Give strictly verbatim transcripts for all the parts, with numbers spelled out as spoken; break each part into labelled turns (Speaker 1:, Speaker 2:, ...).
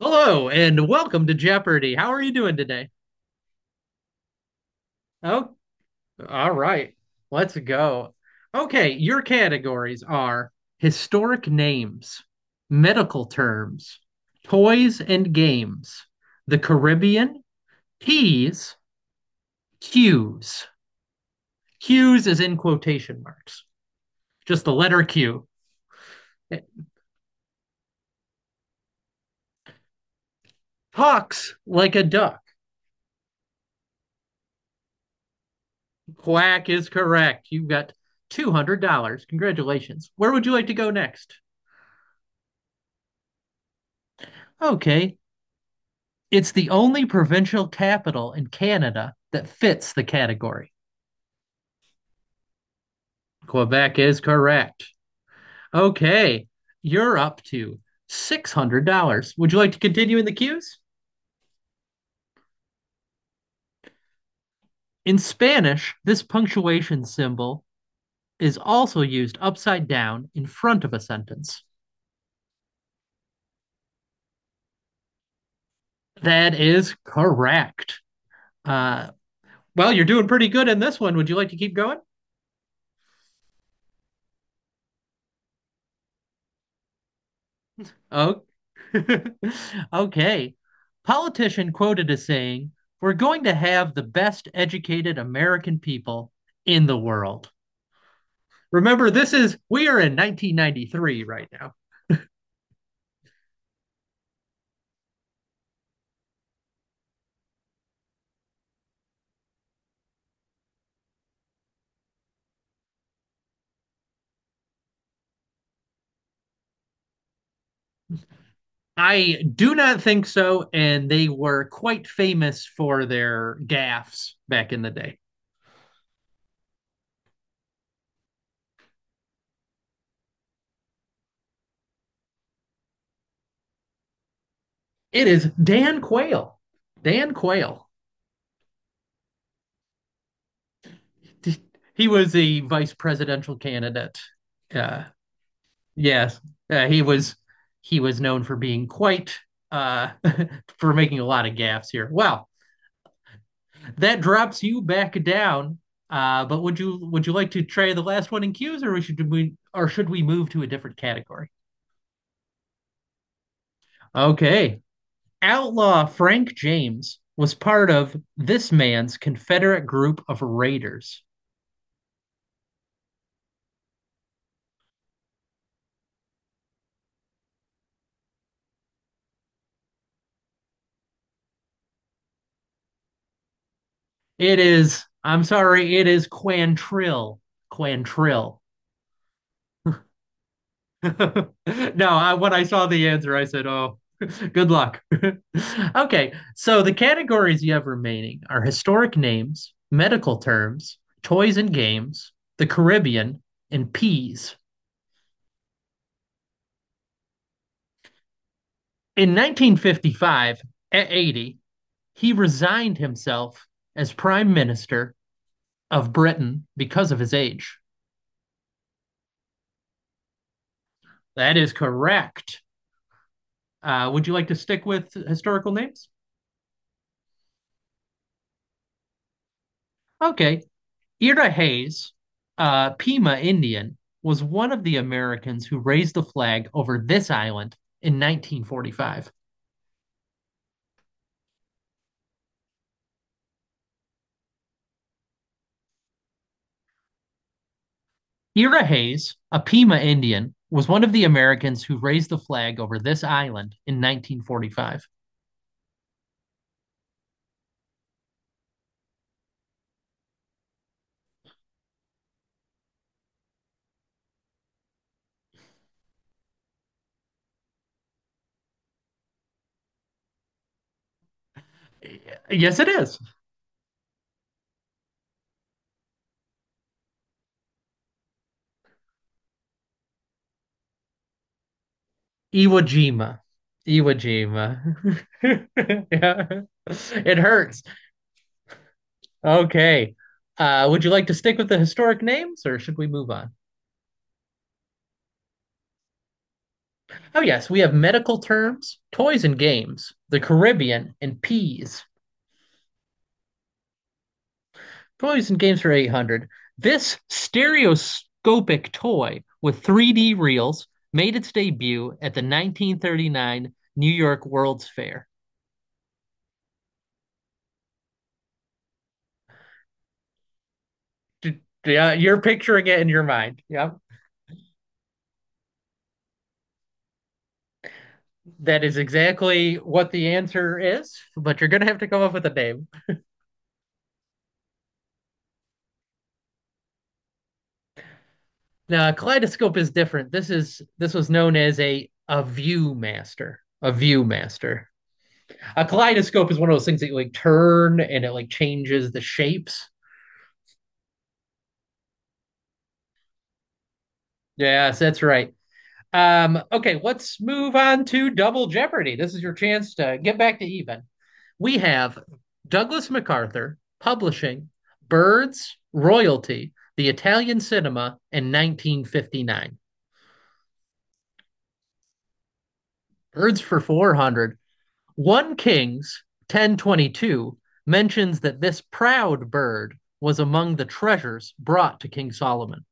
Speaker 1: Hello and welcome to Jeopardy. How are you doing today? Oh, all right. Let's go. Okay, your categories are historic names, medical terms, toys and games, the Caribbean, P's, Q's. Q's is in quotation marks, just the letter Q. It talks like a duck. Quack is correct. You've got two hundred dollars. Congratulations. Where would you like to go next? Okay. It's the only provincial capital in Canada that fits the category. Quebec is correct. Okay, you're up to six hundred dollars. Would you like to continue in the cues? In Spanish, this punctuation symbol is also used upside down in front of a sentence. That is correct. Uh, well, you're doing pretty good in this one. Would you like to keep going? Okay. Okay. Politician quoted as saying, we're going to have the best educated American people in the world. Remember, this is, we are in nineteen ninety-three right now. I do not think so. And they were quite famous for their gaffes back in the day. It is Dan Quayle. Dan Quayle. He was the vice presidential candidate. Uh, yes, uh, he was. He was known for being quite uh, for making a lot of gaffes here. Well, that drops you back down. Uh, but would you would you like to try the last one in cues, or we should we or should we move to a different category? Okay, outlaw Frank James was part of this man's Confederate group of raiders. It is, I'm sorry, it is Quantrill. Quantrill. No, I, when I saw the answer, I said, oh, good luck. Okay, so the categories you have remaining are historic names, medical terms, toys and games, the Caribbean, and peas. In nineteen fifty-five, at eighty, he resigned himself as Prime Minister of Britain because of his age. That is correct. Uh, would you like to stick with historical names? Okay. Ira Hayes, uh, Pima Indian, was one of the Americans who raised the flag over this island in nineteen forty-five. Ira Hayes, a Pima Indian, was one of the Americans who raised the flag over this island in nineteen forty-five. Yes, it is. Iwo Jima. Iwo Jima. Yeah. It hurts. Okay. Uh, would you like to stick with the historic names or should we move on? Oh, yes, we have medical terms, toys and games, the Caribbean, and peas. Toys and games for eight hundred. This stereoscopic toy with three D reels made its debut at the nineteen thirty-nine New York World's Fair. Yeah, you're picturing it in your mind. Yeah, that is exactly what the answer is, but you're gonna have to come up with a name. Now, a kaleidoscope is different. This is this was known as a a ViewMaster, a ViewMaster. A kaleidoscope is one of those things that you like turn and it like changes the shapes. Yes, that's right. Um, okay, let's move on to Double Jeopardy. This is your chance to get back to even. We have Douglas MacArthur, publishing, birds, royalty, the Italian cinema, and nineteen fifty-nine. Birds for four hundred. One Kings ten twenty-two mentions that this proud bird was among the treasures brought to King Solomon.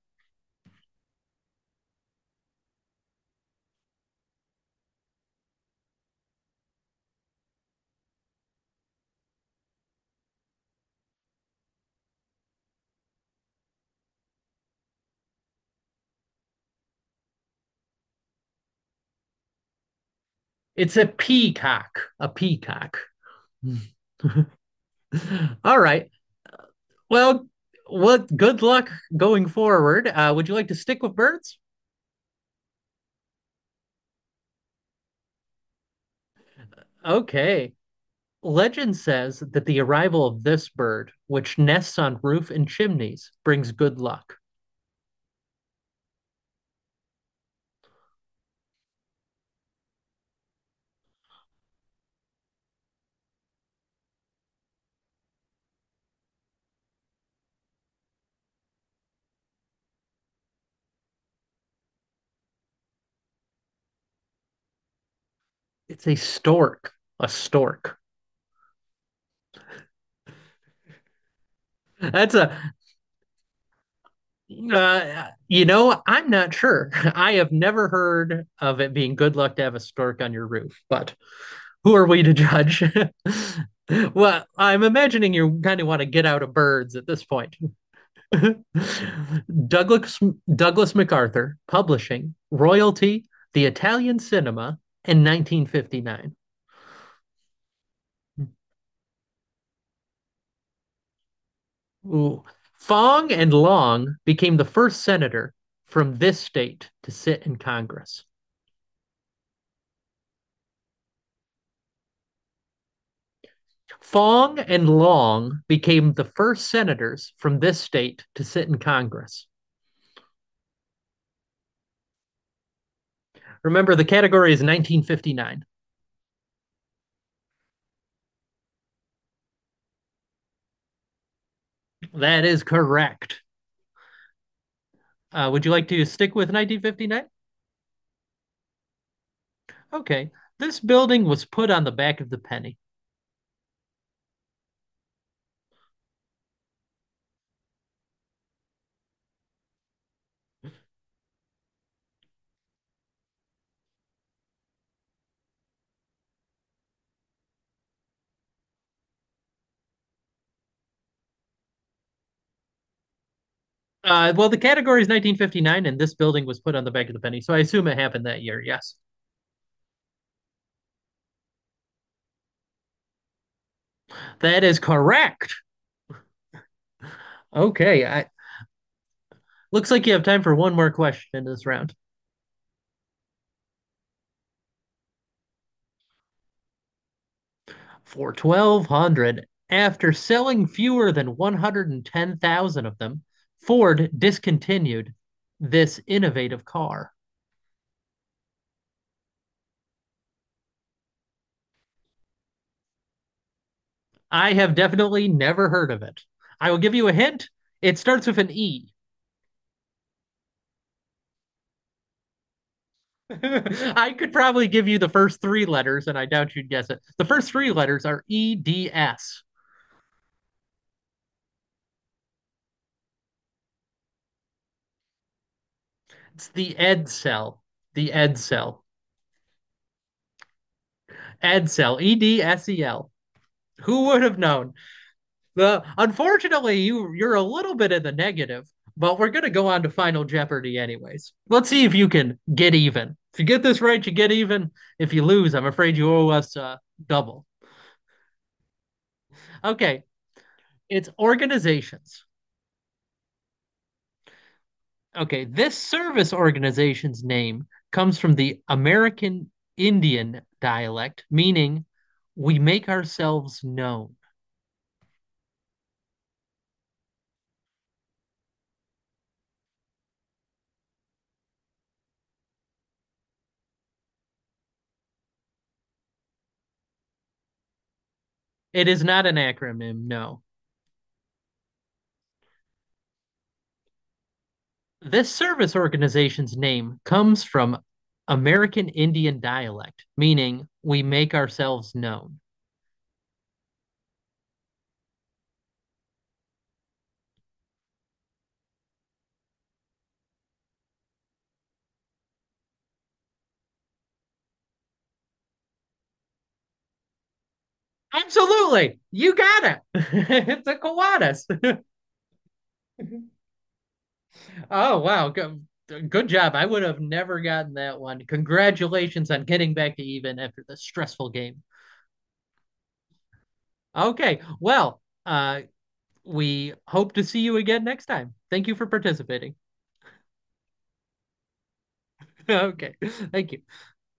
Speaker 1: It's a peacock, a peacock. All right. Well, what good luck going forward. Uh, would you like to stick with birds? Okay. Legend says that the arrival of this bird, which nests on roof and chimneys, brings good luck. It's a stork. A stork. That's a, uh, you know, I'm not sure. I have never heard of it being good luck to have a stork on your roof, but who are we to judge? Well, I'm imagining you kind of want to get out of birds at this point. Douglas Douglas MacArthur, publishing, royalty, the Italian cinema in nineteen fifty-nine. Ooh. Fong and Long became the first senator from this state to sit in Congress. Fong and Long became the first senators from this state to sit in Congress. Remember, the category is nineteen fifty-nine. That is correct. Uh, would you like to stick with nineteen fifty-nine? Okay. This building was put on the back of the penny. Uh, well, the category is nineteen fifty-nine, and this building was put on the back of the penny, so I assume it happened that year. Yes, that is correct. Okay, I, looks like you have time for one more question in this round. For twelve hundred, after selling fewer than one hundred ten thousand of them, Ford discontinued this innovative car. I have definitely never heard of it. I will give you a hint. It starts with an E. I could probably give you the first three letters, and I doubt you'd guess it. The first three letters are E D S. It's the Ed cell. The Ed cell. Ed cell. E D S E L. Who would have known? The Unfortunately, you you're a little bit in the negative, but we're gonna go on to Final Jeopardy anyways. Let's see if you can get even. If you get this right, you get even. If you lose, I'm afraid you owe us uh, double. Okay, it's organizations. Okay, this service organization's name comes from the American Indian dialect, meaning we make ourselves known. It is not an acronym, no. This service organization's name comes from American Indian dialect, meaning we make ourselves known. Absolutely. You got it. It's a Kiwanis. Oh wow, good, good job. I would have never gotten that one. Congratulations on getting back to even after the stressful game. Okay, well, uh, we hope to see you again next time. Thank you for participating. Okay, thank you.